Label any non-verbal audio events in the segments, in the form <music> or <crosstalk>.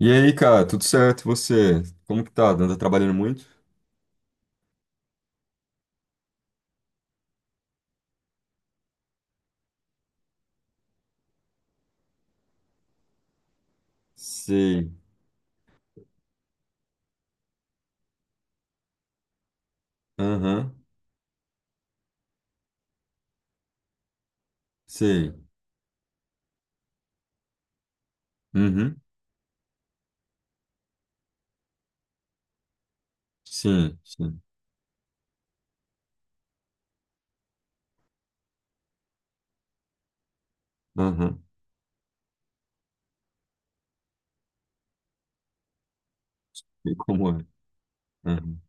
E aí, cara, tudo certo? E você? Como que tá? Anda trabalhando muito? Sei. Aham. Sei. Uhum. Sim, sim. Aham. Sei como é. Aham.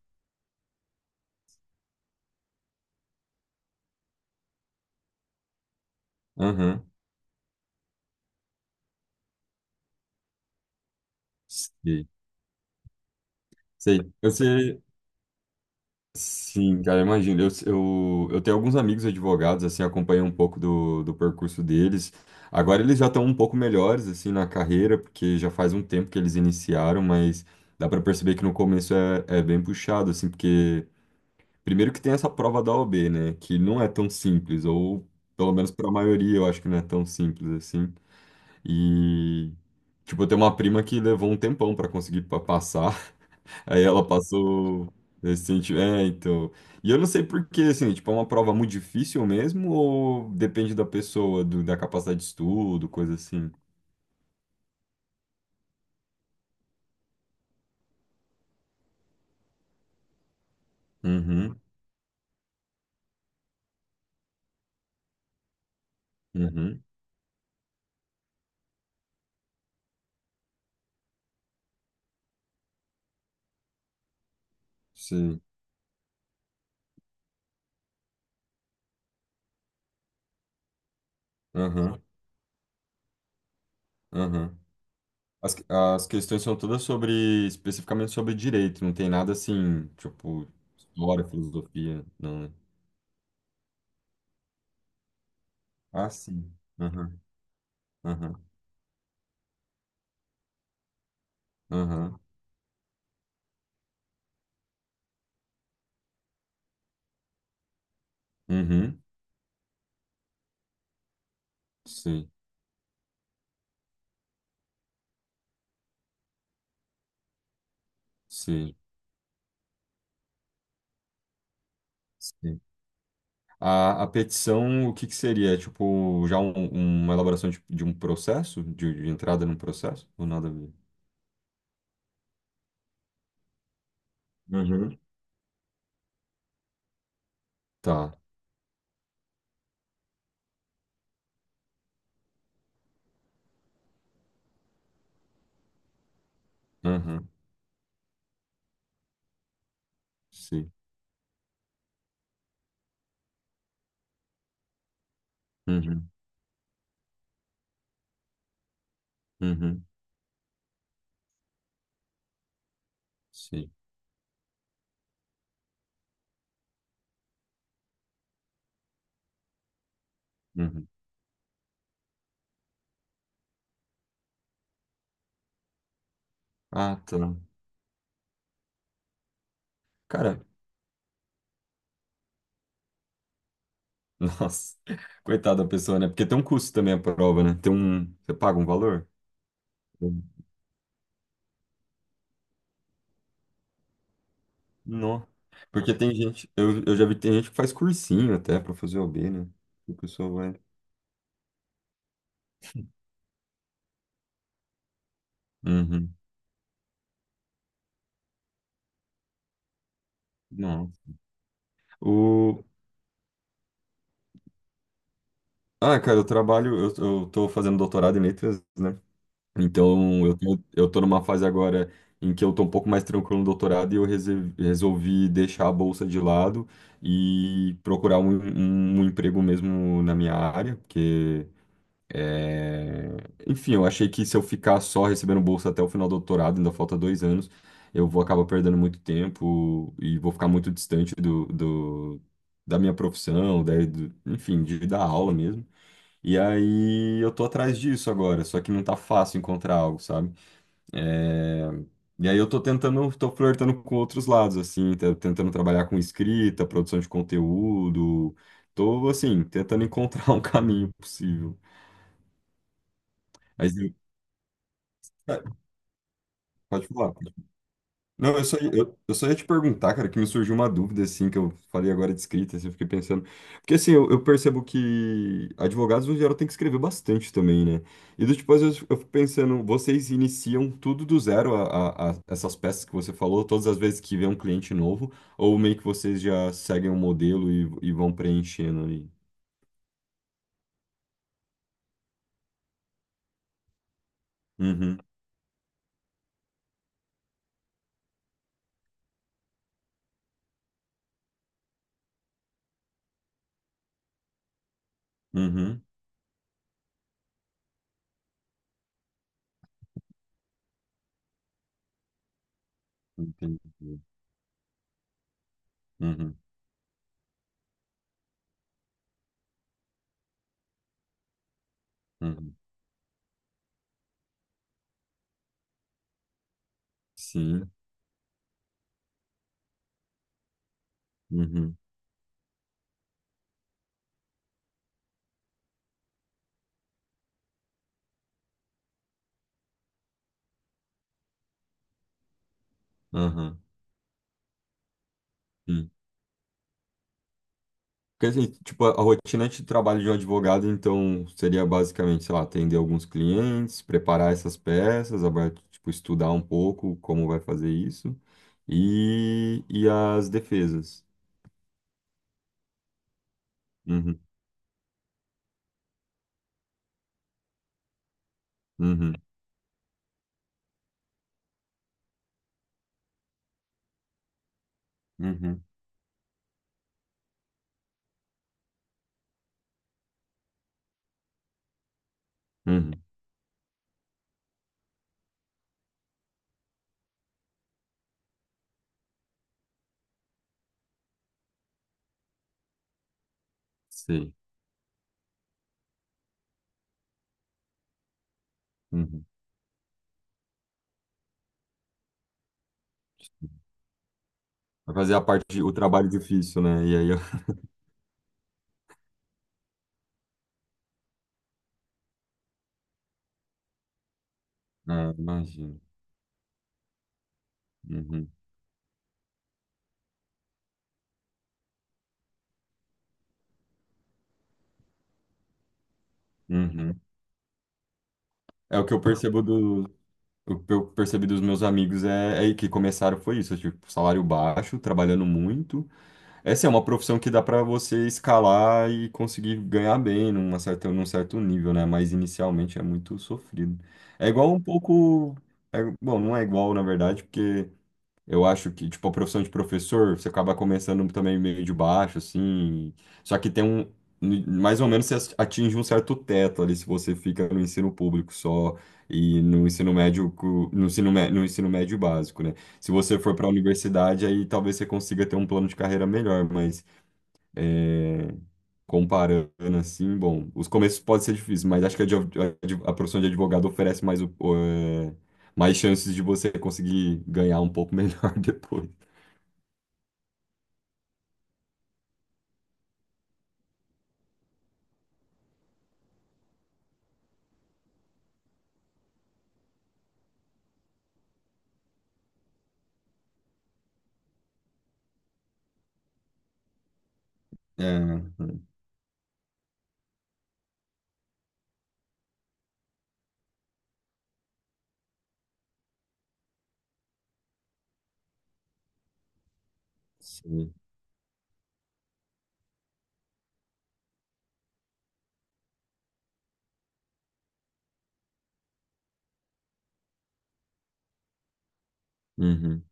Aham. Sei. Sei. Eu sei. Sim, cara, imagino. Eu tenho alguns amigos advogados, assim, acompanho um pouco do percurso deles. Agora eles já estão um pouco melhores, assim, na carreira, porque já faz um tempo que eles iniciaram, mas dá para perceber que no começo é bem puxado, assim, porque primeiro que tem essa prova da OAB, né? Que não é tão simples, ou pelo menos para a maioria eu acho que não é tão simples assim. E, tipo, eu tenho uma prima que levou um tempão para conseguir passar, <laughs> aí ela passou recente. É, então. E eu não sei por quê, assim, tipo, é uma prova muito difícil mesmo, ou depende da pessoa, da capacidade de estudo, coisa assim. Uhum, uhum, sim, aham, aham. As questões são todas sobre, especificamente sobre direito, não tem nada assim, tipo, história, filosofia, não, né? Ah, sim. Aham, aham, aham. Uhum. Sim, sim, sim. A petição, o que que seria? É, tipo, já uma elaboração de um processo? De entrada num processo? Ou nada a ver? Uhum. Tá. Aham, sim. Uhum, uhum, sim. Uhum. Ah, tá. Cara, nossa, <laughs> coitada da pessoa, né? Porque tem um custo também a prova, né? Tem um. Você paga um valor? Não. Porque tem gente. Eu já vi que tem gente que faz cursinho até pra fazer o B né? E a pessoa vai. Uhum. Não. O... Ah, cara, eu trabalho. Eu tô fazendo doutorado em letras, né? Então, eu tô numa fase agora em que eu tô um pouco mais tranquilo no doutorado e eu resolvi deixar a bolsa de lado e procurar um emprego mesmo na minha área, porque é, enfim, eu achei que se eu ficar só recebendo bolsa até o final do doutorado, ainda falta dois anos, eu vou acabar perdendo muito tempo e vou ficar muito distante da minha profissão, da, enfim, de dar aula mesmo. E aí eu tô atrás disso agora, só que não tá fácil encontrar algo, sabe? É, e aí eu tô tentando, tô flertando com outros lados, assim, tentando trabalhar com escrita, produção de conteúdo, tô, assim, tentando encontrar <laughs> um caminho possível. Mas pode falar. Não, eu só ia te perguntar, cara, que me surgiu uma dúvida, assim, que eu falei agora de escrita, assim, eu fiquei pensando. Porque, assim, eu percebo que advogados, no geral, tem que escrever bastante também, né? E, do tipo, às vezes eu fico pensando, vocês iniciam tudo do zero, essas peças que você falou, todas as vezes que vê um cliente novo, ou meio que vocês já seguem um modelo e vão preenchendo ali? Uhum, uhum. Entendi. Uhum, uhum. Sim. Uhum, aham. Porque dizer, tipo, a rotina de trabalho de um advogado, então, seria basicamente, sei lá, atender alguns clientes, preparar essas peças, tipo, estudar um pouco como vai fazer isso, e as defesas. Uhum, uhum, uhum, uhum, sei. Uhum. Vai fazer a parte, o trabalho difícil, né? E aí, eu... <laughs> ah, imagino. Uhum, uhum. É o que eu percebo, o que eu percebi dos meus amigos é, é que começaram foi isso, tipo, salário baixo, trabalhando muito, essa é uma profissão que dá para você escalar e conseguir ganhar bem numa certa, num certo nível, né? Mas inicialmente é muito sofrido. É igual um pouco. Bom, não é igual, na verdade, porque eu acho que, tipo, a profissão de professor, você acaba começando também meio de baixo, assim. Só que tem um. Mais ou menos você atinge um certo teto ali se você fica no ensino público só e no ensino médio, no ensino, no ensino médio básico, né? Se você for para a universidade, aí talvez você consiga ter um plano de carreira melhor, mas é, comparando assim, bom, os começos podem ser difíceis, mas acho que a, a profissão de advogado oferece mais, é, mais chances de você conseguir ganhar um pouco melhor <laughs> depois. É, sim. Uhum,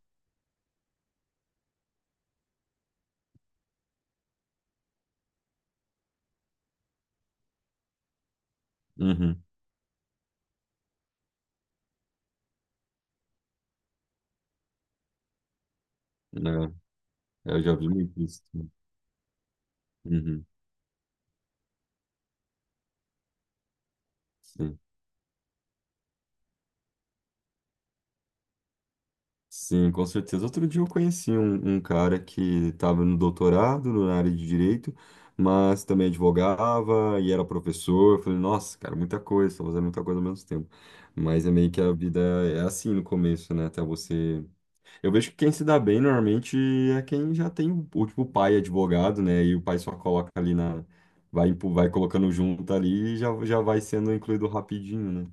uhum. É, eu já vi muito isso. Sim. Uhum, sim. Sim, com certeza. Outro dia eu conheci um cara que estava no doutorado na área de direito, mas também advogava e era professor. Eu falei, nossa, cara, muita coisa, estou fazendo muita coisa ao mesmo tempo. Mas é meio que a vida é assim no começo, né? Até você eu vejo que quem se dá bem normalmente é quem já tem o tipo pai advogado, né? E o pai só coloca ali na. Vai, vai colocando junto ali e já, já vai sendo incluído rapidinho, né?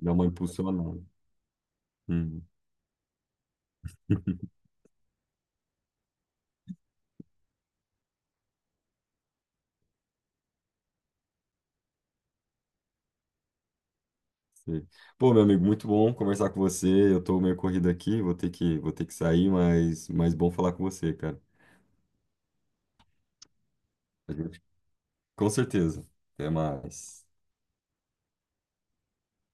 Dá uma impulsionada. Hum, <laughs> sei. Pô, meu amigo, muito bom conversar com você. Eu tô meio corrido aqui, vou ter que sair, mas bom falar com você, cara. A gente- com certeza. Até mais.